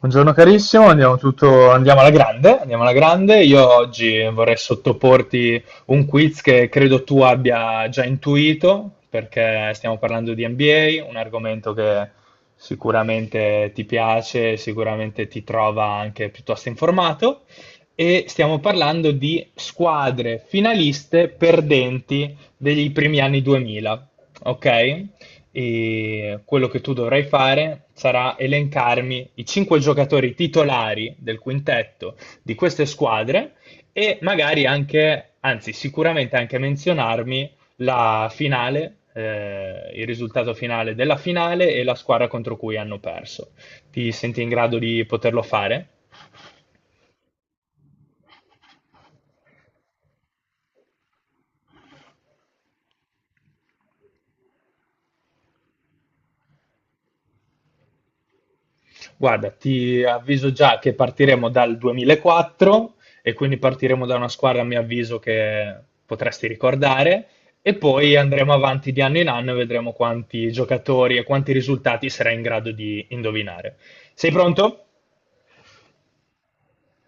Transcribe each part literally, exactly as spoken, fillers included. Buongiorno carissimo, andiamo, tutto, andiamo alla grande, andiamo alla grande. Io oggi vorrei sottoporti un quiz che credo tu abbia già intuito, perché stiamo parlando di N B A, un argomento che sicuramente ti piace, sicuramente ti trova anche piuttosto informato, e stiamo parlando di squadre finaliste perdenti degli primi anni duemila, ok? E quello che tu dovrai fare sarà elencarmi i cinque giocatori titolari del quintetto di queste squadre e magari anche, anzi sicuramente anche menzionarmi la finale, eh, il risultato finale della finale e la squadra contro cui hanno perso. Ti senti in grado di poterlo fare? Guarda, ti avviso già che partiremo dal duemilaquattro e quindi partiremo da una squadra, a mio avviso, che potresti ricordare e poi andremo avanti di anno in anno e vedremo quanti giocatori e quanti risultati sarai in grado di indovinare. Sei pronto?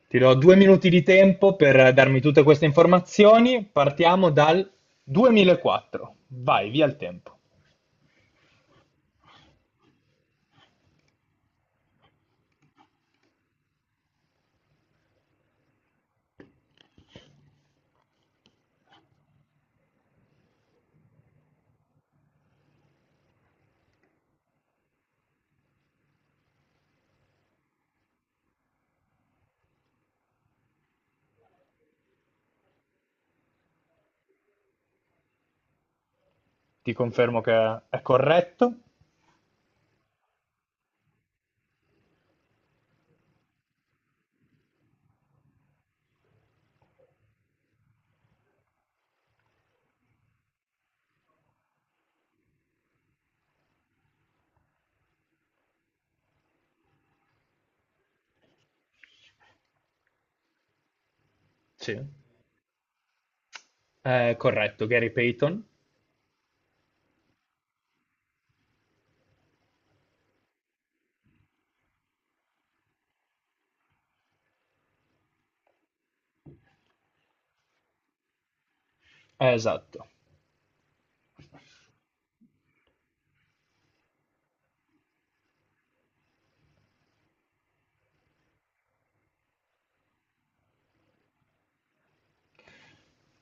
Ti do due minuti di tempo per darmi tutte queste informazioni. Partiamo dal duemilaquattro. Vai, via il tempo. Ti confermo che è corretto. Sì. È corretto, Gary Payton. Eh, Esatto.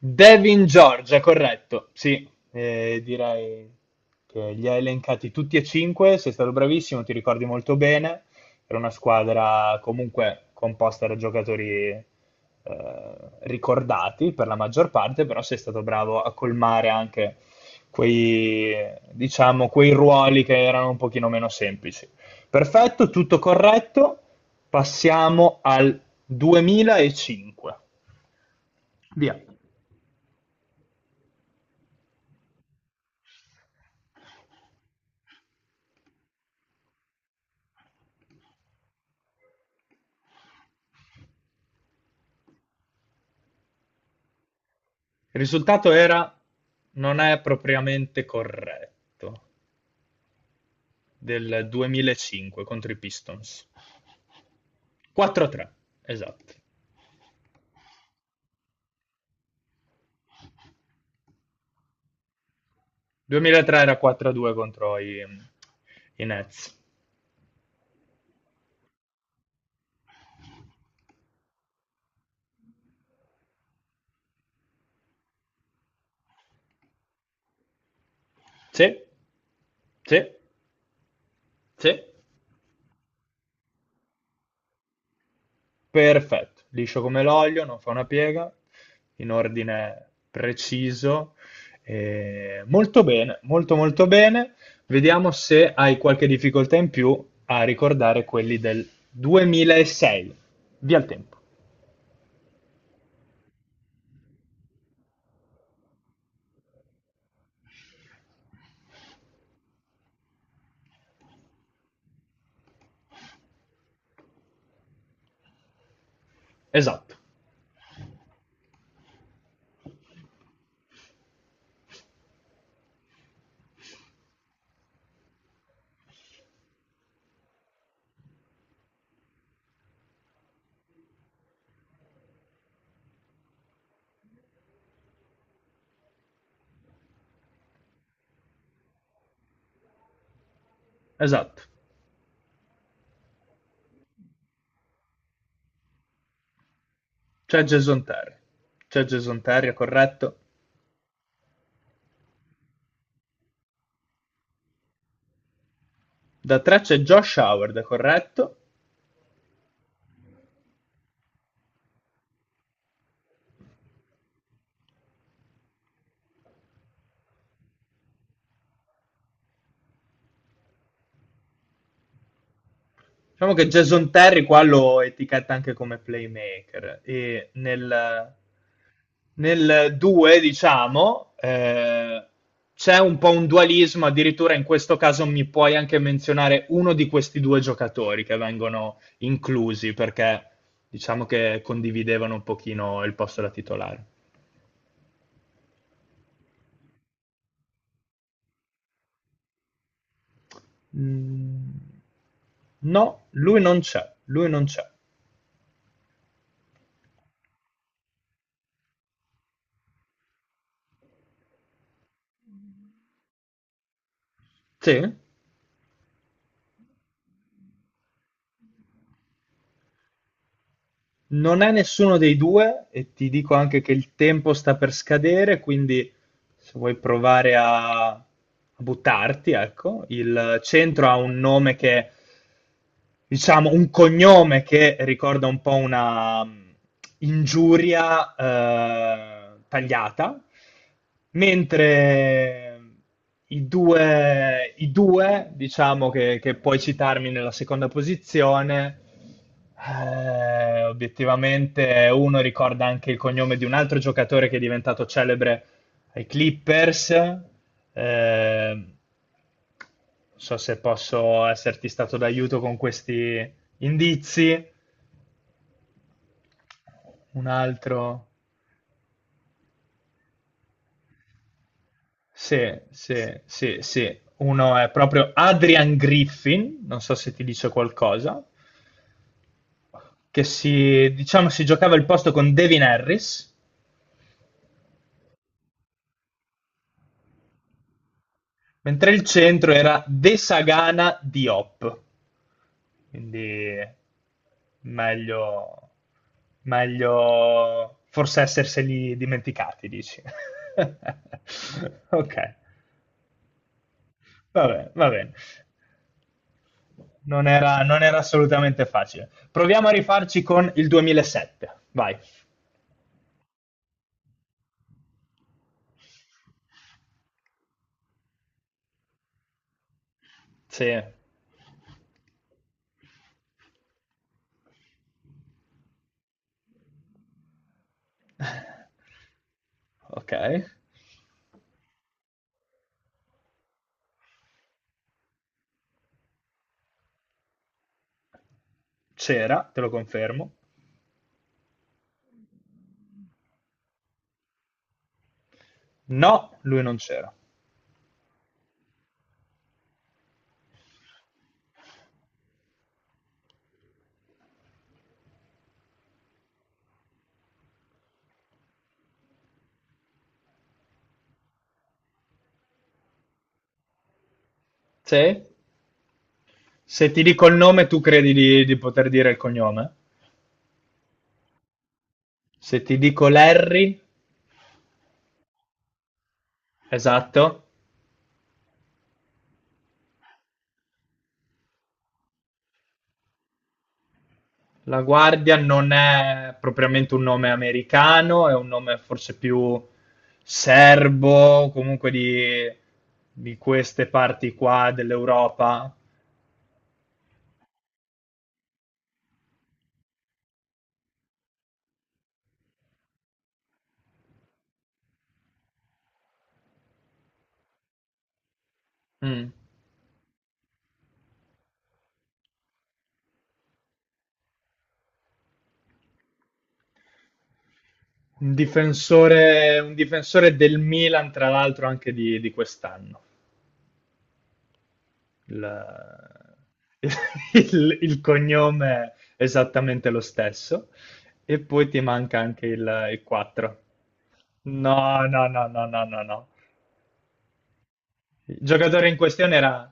Devin Georgia, corretto. Sì, eh, direi che li hai elencati tutti e cinque, sei stato bravissimo, ti ricordi molto bene. Era una squadra comunque composta da giocatori eh, ricordati per la maggior parte, però sei stato bravo a colmare anche quei, diciamo, quei ruoli che erano un pochino meno semplici. Perfetto, tutto corretto. Passiamo al duemilacinque. Via. Il risultato era, non è propriamente corretto, del duemilacinque contro i Pistons. quattro a tre, esatto. duemilatré era quattro a due contro i, i Nets. Sì, sì, sì. Perfetto, liscio come l'olio, non fa una piega, in ordine preciso. Eh, molto bene, molto molto bene. Vediamo se hai qualche difficoltà in più a ricordare quelli del duemilasei. Via il tempo. Esatto, esatto. C'è Jason Terry. C'è Jason Terry, è corretto. Da tre c'è Josh Howard, è corretto. Diciamo che Jason Terry qua lo etichetta anche come playmaker e nel, nel due, diciamo, eh, c'è un po' un dualismo, addirittura in questo caso mi puoi anche menzionare uno di questi due giocatori che vengono inclusi perché diciamo che condividevano un pochino il posto da titolare. Mm, no, lui non c'è, lui non c'è. Sì? Non è nessuno dei due e ti dico anche che il tempo sta per scadere, quindi se vuoi provare a, a buttarti, ecco, il centro ha un nome che, diciamo, un cognome che ricorda un po' una mh, ingiuria eh, tagliata, mentre i due, i due, diciamo, che, che puoi citarmi nella seconda posizione. Eh, obiettivamente uno ricorda anche il cognome di un altro giocatore che è diventato celebre ai Clippers. Eh, non so se posso esserti stato d'aiuto con questi indizi. Un altro, sì, sì, sì, sì. Uno è proprio Adrian Griffin, non so se ti dice qualcosa, che si, diciamo, si giocava il posto con Devin Harris. Mentre il centro era De Sagana Diop. Quindi meglio, meglio forse esserseli dimenticati, dici. Ok, va bene, va bene. Non era, non era assolutamente facile. Proviamo a rifarci con il duemilasette. Vai. Sì. Ok. C'era, te lo confermo. No, lui non c'era. Sì. Se ti dico il nome, tu credi di, di poter dire il cognome? Se ti dico Larry, esatto, la guardia non è propriamente un nome americano, è un nome forse più serbo, comunque di, di, queste parti qua dell'Europa. Mm. Un difensore, un difensore del Milan, tra l'altro, anche di, di quest'anno. Il, il- il cognome è esattamente lo stesso e poi ti manca anche il, il quattro. No, no, no, no, no, no, no. Il giocatore in questione era,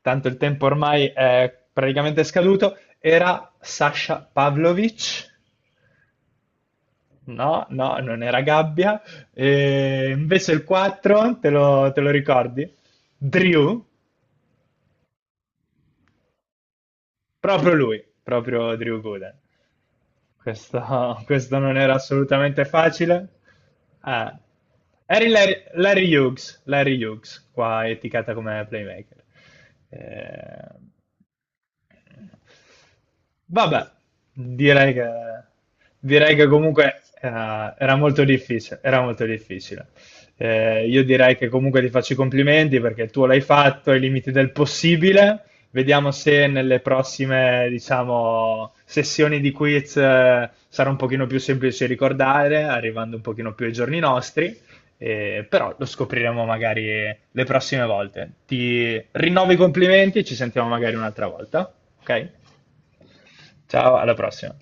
tanto il tempo ormai è praticamente scaduto, era Sasha Pavlovic. No, no, non era Gabbia. E invece il quattro, te lo, te lo ricordi? Drew, proprio lui, proprio Drew Gooden. Questo, questo non era assolutamente facile. Ah, Eri Larry, Larry Hughes, Larry Hughes, qua etichetta come playmaker. Eh, vabbè, direi che, direi che, comunque eh, era molto difficile, era molto difficile. Eh, io direi che comunque ti faccio i complimenti perché tu l'hai fatto ai limiti del possibile. Vediamo se nelle prossime, diciamo, sessioni di quiz eh, sarà un pochino più semplice ricordare, arrivando un pochino più ai giorni nostri, eh, però lo scopriremo magari le prossime volte. Ti rinnovo i complimenti e ci sentiamo magari un'altra volta, ok? Ciao, alla prossima.